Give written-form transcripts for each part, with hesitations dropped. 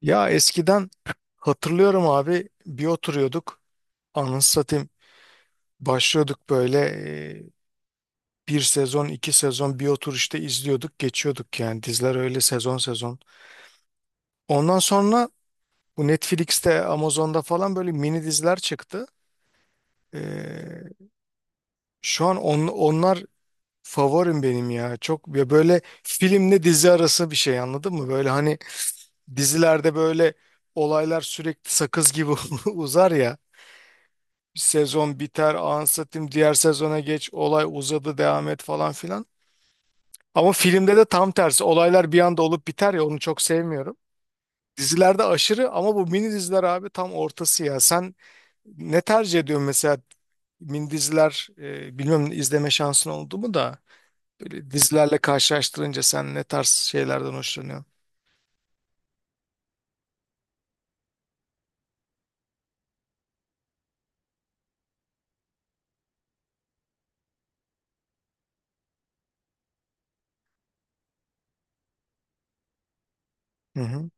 Ya eskiden hatırlıyorum abi bir oturuyorduk, anasını satayım, başlıyorduk böyle e, bir sezon iki sezon bir otur işte izliyorduk geçiyorduk, yani diziler öyle sezon sezon. Ondan sonra bu Netflix'te Amazon'da falan böyle mini diziler çıktı. E, Şu an onlar favorim benim ya, çok ya, böyle filmle dizi arası bir şey, anladın mı? Böyle hani dizilerde böyle olaylar sürekli sakız gibi uzar ya. Sezon biter, anlatayım, diğer sezona geç, olay uzadı, devam et, falan filan. Ama filmde de tam tersi, olaylar bir anda olup biter ya, onu çok sevmiyorum. Dizilerde aşırı, ama bu mini diziler abi tam ortası ya. Sen ne tercih ediyorsun mesela? Mini diziler, bilmiyorum, izleme şansın oldu mu da böyle dizilerle karşılaştırınca sen ne tarz şeylerden hoşlanıyorsun? Hı hı.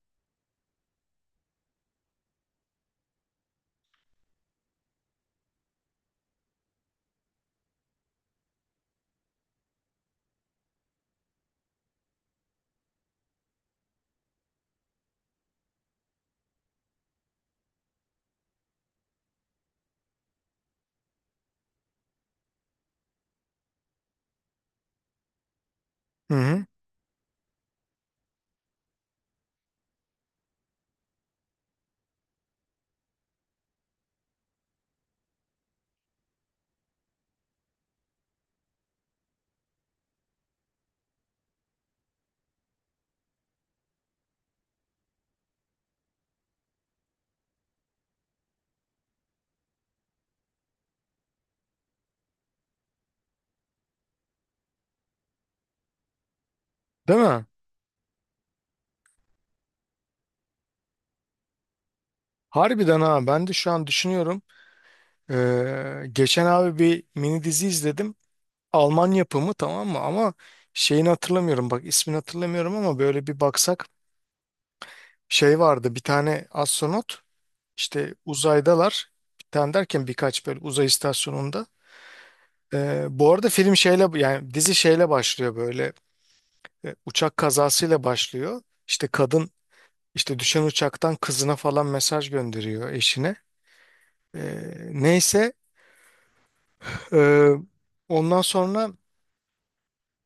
Hı hı. Değil mi? Harbiden ha, ben de şu an düşünüyorum. Geçen abi bir mini dizi izledim. Alman yapımı, tamam mı? Ama şeyini hatırlamıyorum, bak, ismini hatırlamıyorum, ama böyle bir baksak, şey vardı, bir tane astronot, işte uzaydalar. Bir tane derken birkaç, böyle uzay istasyonunda. Bu arada film şeyle, yani dizi şeyle başlıyor, böyle uçak kazasıyla başlıyor. İşte kadın, işte düşen uçaktan kızına falan mesaj gönderiyor, eşine. Neyse. Ee, Ondan sonra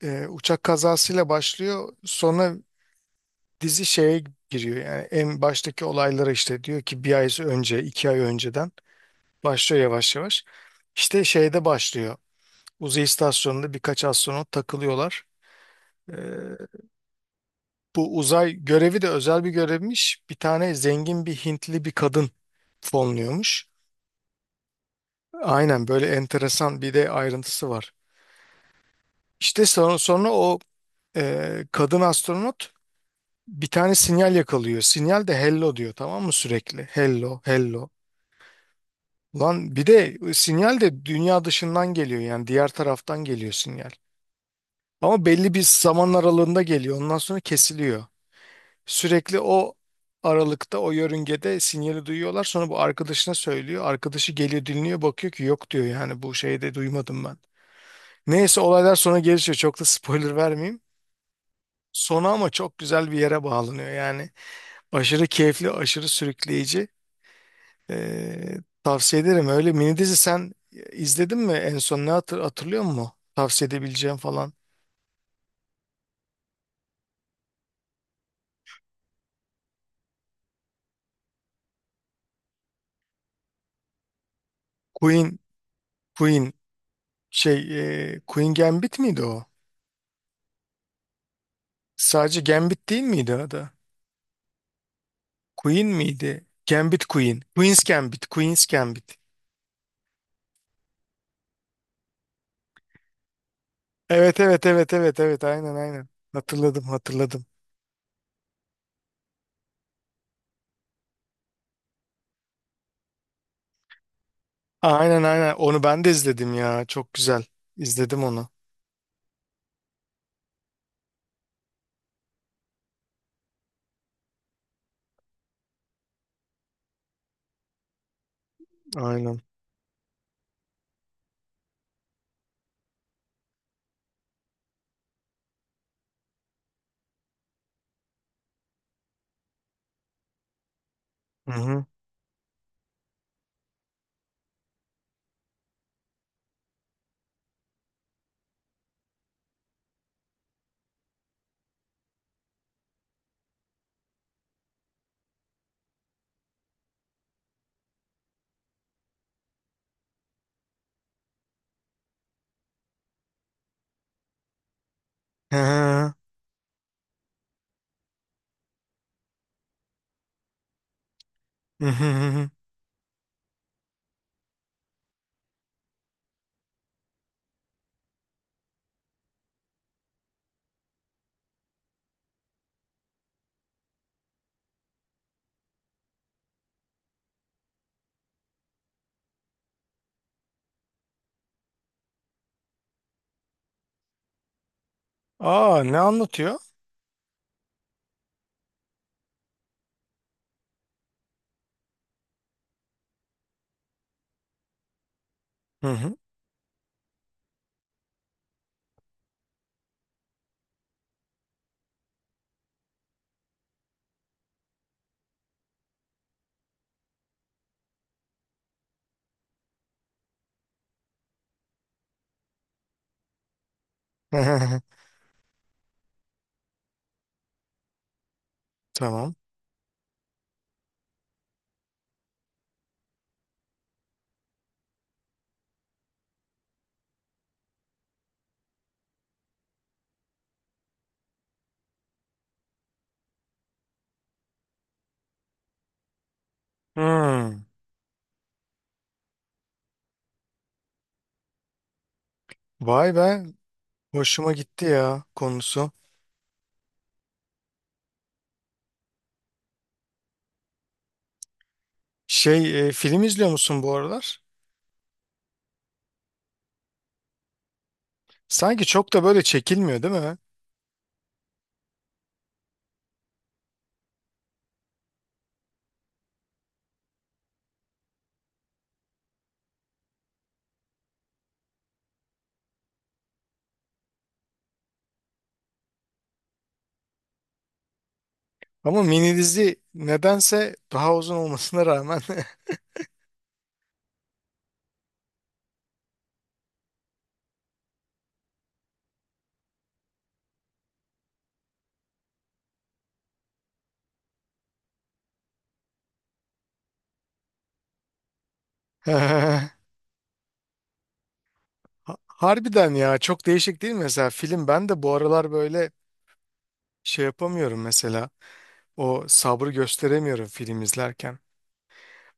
uçak kazasıyla başlıyor. Sonra dizi şeye giriyor. Yani en baştaki olaylara, işte diyor ki bir ay önce, iki ay önceden başlıyor, yavaş yavaş. İşte şeyde başlıyor. Uzay istasyonunda birkaç astronot takılıyorlar. Ee, Bu uzay görevi de özel bir görevmiş. Bir tane zengin bir Hintli bir kadın fonluyormuş. Aynen, böyle enteresan bir de ayrıntısı var. İşte sonra o kadın astronot bir tane sinyal yakalıyor. Sinyal de hello diyor, tamam mı, sürekli? Hello, hello. Lan bir de sinyal de dünya dışından geliyor, yani diğer taraftan geliyor sinyal. Ama belli bir zaman aralığında geliyor. Ondan sonra kesiliyor. Sürekli o aralıkta, o yörüngede sinyali duyuyorlar. Sonra bu arkadaşına söylüyor. Arkadaşı geliyor, dinliyor, bakıyor ki yok, diyor, yani bu şeyi de duymadım ben. Neyse, olaylar sonra gelişiyor. Çok da spoiler vermeyeyim. Sonu ama çok güzel bir yere bağlanıyor yani. Aşırı keyifli, aşırı sürükleyici. Ee, Tavsiye ederim. Öyle mini dizi sen izledin mi? En son ne hatırlıyor musun? Tavsiye edebileceğim falan. Queen, Queen şey, Queen Gambit miydi o? Sadece Gambit değil miydi adı? Queen miydi? Gambit Queen. Queen's Gambit. Queen's Gambit. Evet evet evet evet evet, aynen aynen. Hatırladım hatırladım. Aynen aynen, onu ben de izledim ya. Çok güzel. İzledim onu. Aynen. Hı hı. Hı hı. Hı hı hı hı. Aa, ne anlatıyor? Hı hı. Tamam. Hmm. Vay be. Hoşuma gitti ya konusu. Şey, film izliyor musun bu aralar? Sanki çok da böyle çekilmiyor, değil mi? Ama mini dizi nedense daha uzun olmasına rağmen. Harbiden ya, çok değişik değil mi? Mesela film, ben de bu aralar böyle şey yapamıyorum mesela. O sabrı gösteremiyorum film izlerken.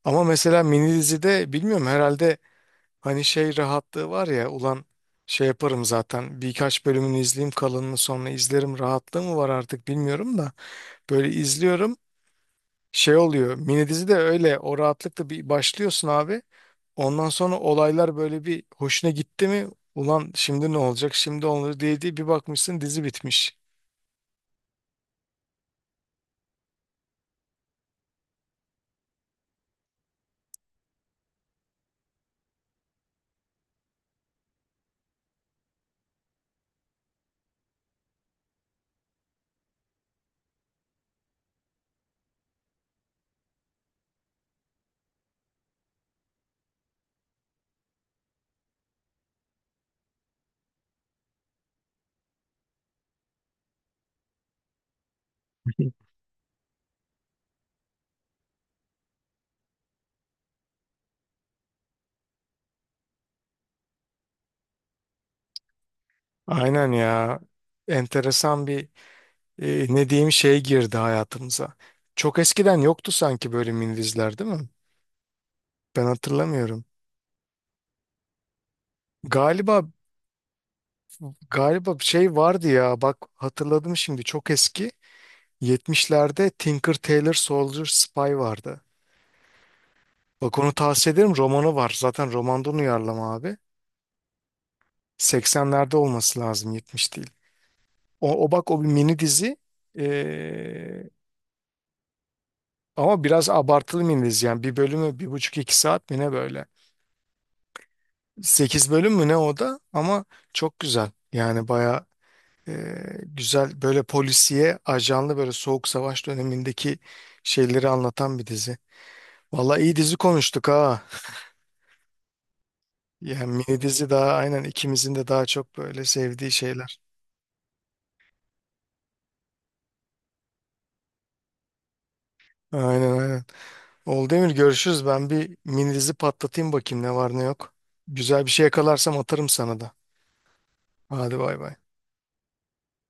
Ama mesela mini dizide, bilmiyorum, herhalde hani şey rahatlığı var ya, ulan şey yaparım zaten, birkaç bölümünü izleyeyim, kalanını sonra izlerim rahatlığı mı var artık, bilmiyorum da, böyle izliyorum. Şey oluyor mini dizi de, öyle o rahatlıkla bir başlıyorsun abi, ondan sonra olaylar böyle bir hoşuna gitti mi, ulan şimdi ne olacak, şimdi olur, diye diye bir bakmışsın dizi bitmiş. Aynen ya. Enteresan bir, ne diyeyim, şey girdi hayatımıza. Çok eskiden yoktu sanki böyle mini diziler, değil mi? Ben hatırlamıyorum. Galiba, bir şey vardı ya, bak hatırladım şimdi, çok eski. 70'lerde Tinker Tailor Soldier Spy vardı. Bak onu tavsiye ederim, romanı var. Zaten romandan uyarlama abi. 80'lerde olması lazım, 70 değil. O bak, o bir mini dizi. Ee, Ama biraz abartılı mini dizi yani, bir bölümü bir buçuk iki saat mi ne, böyle. Sekiz bölüm mü ne o da, ama çok güzel. Yani baya Ee, güzel, böyle polisiye, ajanlı, böyle Soğuk Savaş dönemindeki şeyleri anlatan bir dizi. Valla iyi dizi konuştuk ha. Yani mini dizi, daha aynen ikimizin de daha çok böyle sevdiği şeyler. Aynen aynen. Oldu Emir, görüşürüz. Ben bir mini dizi patlatayım, bakayım ne var ne yok. Güzel bir şey yakalarsam atarım sana da. Hadi bay bay.